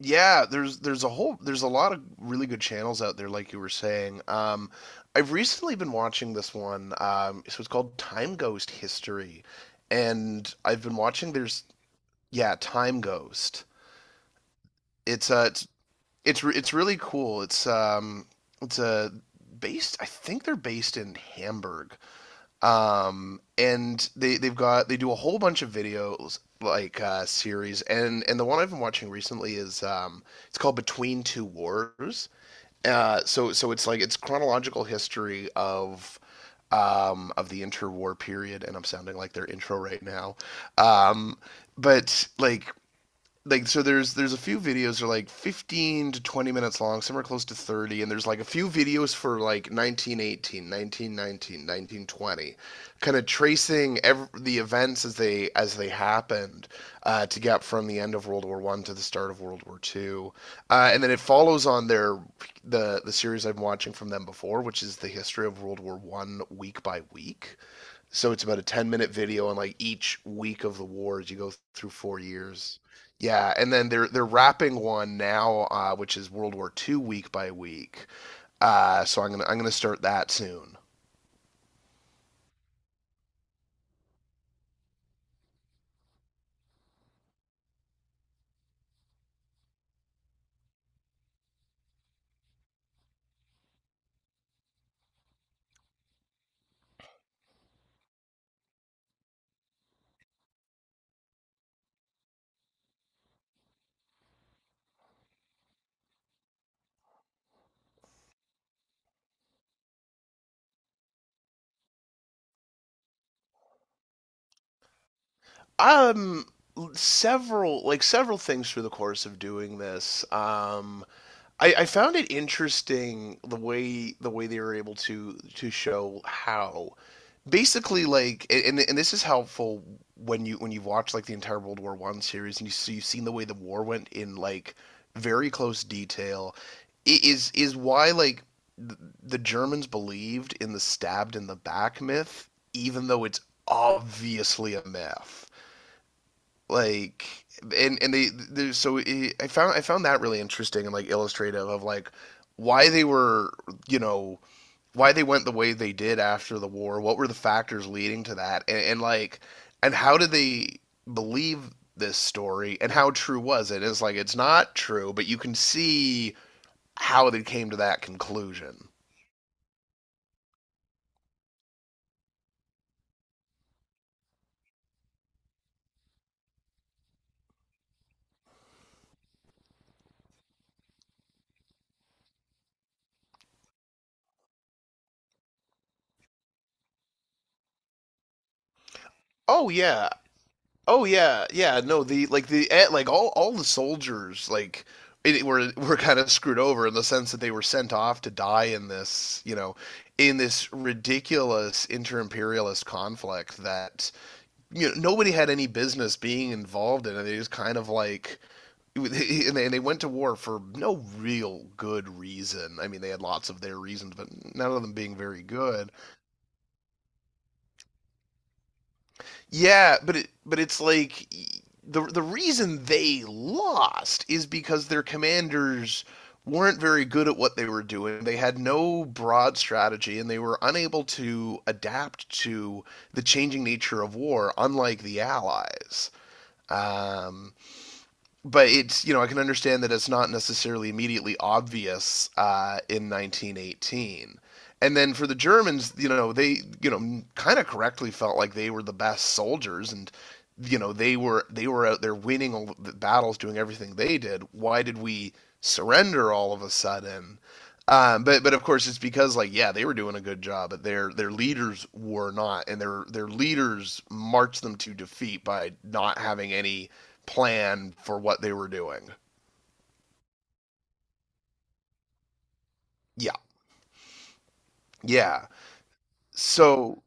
Yeah, there's a lot of really good channels out there, like you were saying. I've recently been watching this one. So it's called Time Ghost History, and I've been watching. There's Yeah, Time Ghost. It's uh, it's it's really cool. It's based. I think they're based in Hamburg, and they they've got they do a whole bunch of videos, like series, and the one I've been watching recently is it's called Between Two Wars. So it's like, it's chronological history of the interwar period, and I'm sounding like their intro right now. Um, but like so there's a few videos that are like 15 to 20 minutes long. Some are close to 30, and there's like a few videos for like 1918, 1919, 1920, kind of tracing every the events as they happened, to get from the end of World War One to the start of World War Two. And then it follows on the series I'm watching from them before, which is the history of World War One week by week. So it's about a 10-minute video on like each week of the war as you go through 4 years. Yeah, and then they're wrapping one now, which is World War Two week by week. So I'm gonna start that soon. Um, several things through the course of doing this. I found it interesting the way they were able to show how, basically, like, and this is helpful when you've watched like the entire World War One series, and you've seen the way the war went in like very close detail is why, like, the Germans believed in the stabbed in the back myth, even though it's obviously a myth, like. And they there's so it, I found that really interesting and like illustrative of like why they were, you know, why they went the way they did after the war. What were the factors leading to that? And, like, and how did they believe this story? And how true was it? It's like it's not true, but you can see how they came to that conclusion. Oh yeah, oh yeah, yeah. No, the, all the soldiers, like, were kind of screwed over in the sense that they were sent off to die in this, you know, in this ridiculous inter-imperialist conflict that, you know, nobody had any business being involved in. It. They just kind of like, and they went to war for no real good reason. I mean, they had lots of their reasons, but none of them being very good. Yeah, but it's like the reason they lost is because their commanders weren't very good at what they were doing. They had no broad strategy, and they were unable to adapt to the changing nature of war, unlike the Allies. Um, but it's, you know, I can understand that it's not necessarily immediately obvious in 1918. And then for the Germans, you know, they, you know, kind of correctly felt like they were the best soldiers, and you know they were out there winning all the battles, doing everything they did. Why did we surrender all of a sudden? But of course it's because, like, yeah, they were doing a good job, but their leaders were not, and their leaders marched them to defeat by not having any plan for what they were doing. Yeah. Yeah. So,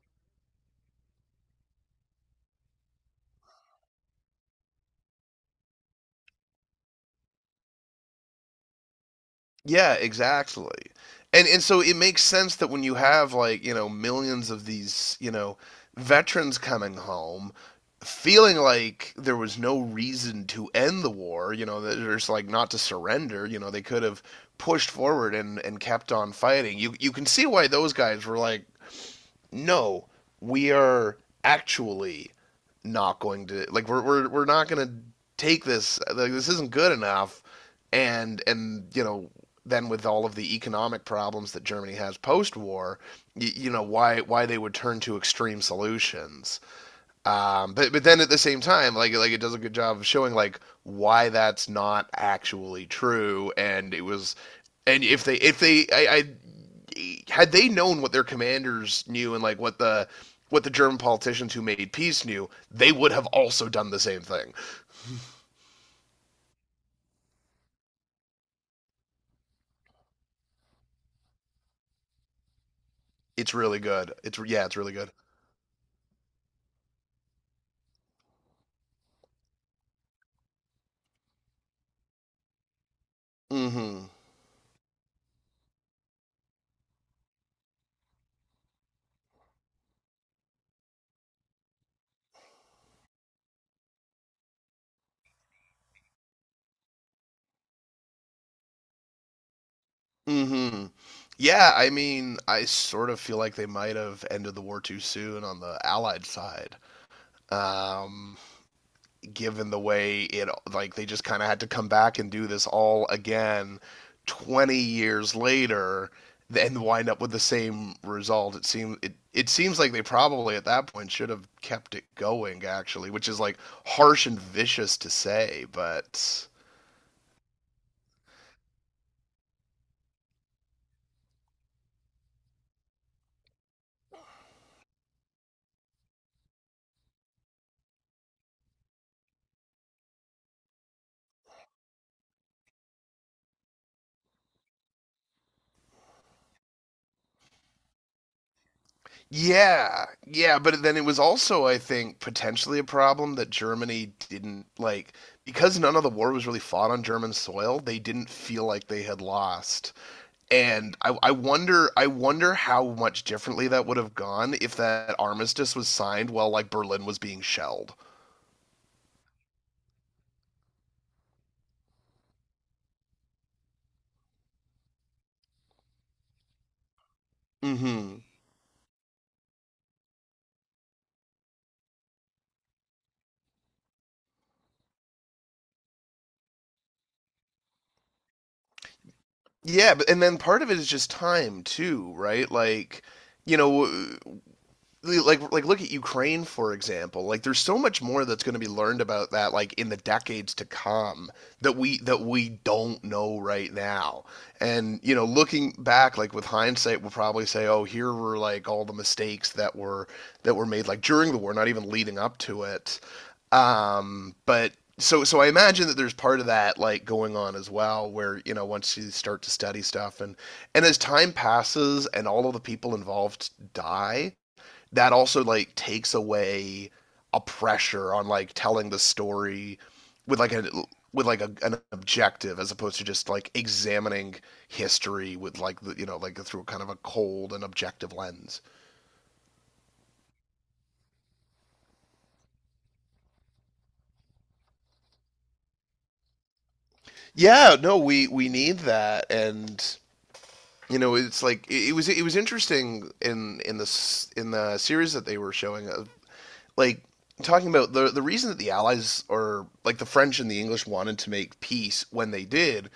yeah, exactly. And so it makes sense that when you have, like, you know, millions of these, you know, veterans coming home feeling like there was no reason to end the war, you know, there's like not to surrender, you know, they could have pushed forward and kept on fighting. You can see why those guys were like, no, we are actually not going to, like, we're not going to take this, like, this isn't good enough, and you know, then with all of the economic problems that Germany has post-war, you know why they would turn to extreme solutions, but then at the same time, like it does a good job of showing like why that's not actually true, and it was, and if they I had they known what their commanders knew and like what the German politicians who made peace knew, they would have also done the same thing. It's really good. It's Yeah, it's really good. Mm-hmm. Mm-hmm. Yeah, I mean, I sort of feel like they might have ended the war too soon on the Allied side. Um, Given the way it like they just kind of had to come back and do this all again 20 years later and wind up with the same result, it seems like they probably at that point should have kept it going, actually, which is like harsh and vicious to say, but yeah, yeah, but then it was also, I think, potentially a problem that Germany didn't, like, because none of the war was really fought on German soil, they didn't feel like they had lost. And I wonder how much differently that would have gone if that armistice was signed while like Berlin was being shelled. Mm-hmm. Yeah, but and then part of it is just time too, right? Like, you know, like look at Ukraine, for example. Like, there's so much more that's going to be learned about that, like, in the decades to come, that we don't know right now. And you know, looking back, like, with hindsight, we'll probably say, "Oh, here were, like, all the mistakes that were made, like, during the war, not even leading up to it." But so I imagine that there's part of that, like, going on as well, where you know once you start to study stuff, and as time passes and all of the people involved die, that also, like, takes away a pressure on, like, telling the story with like a an objective, as opposed to just like examining history with like the you know, like, through kind of a cold and objective lens. Yeah, no, we need that. And you know, it's like it was interesting in the series that they were showing of, like, talking about the reason that the Allies, or like the French and the English, wanted to make peace when they did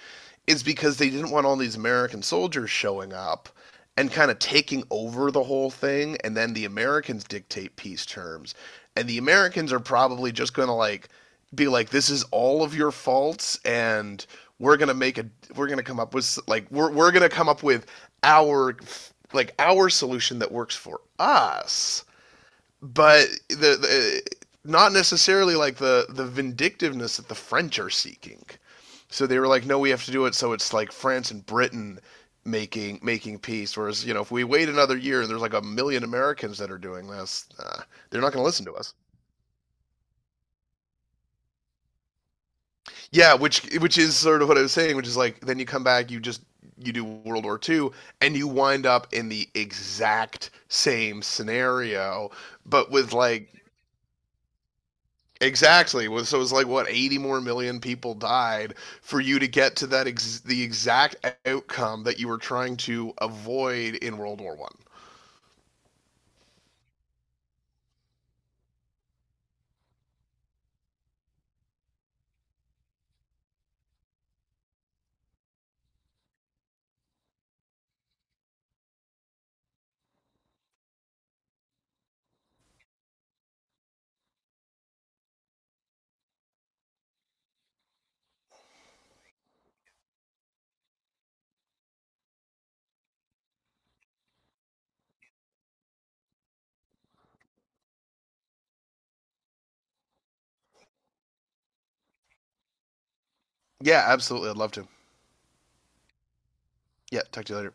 is because they didn't want all these American soldiers showing up and kind of taking over the whole thing, and then the Americans dictate peace terms, and the Americans are probably just going to, like, be like, this is all of your faults, and we're going to make a we're going to come up with, like, we're going to come up with our, our solution that works for us, but the not necessarily, like, the vindictiveness that the French are seeking. So they were like, no, we have to do it. So it's like France and Britain making peace. Whereas you know, if we wait another year, there's like a million Americans that are doing this. They're not going to listen to us. Yeah, which is sort of what I was saying, which is like then you come back, you just you do World War Two, and you wind up in the exact same scenario, but with like, exactly. Well, so it's like what, 80 more million people died for you to get to that the exact outcome that you were trying to avoid in World War One. Yeah, absolutely. I'd love to. Yeah, talk to you later.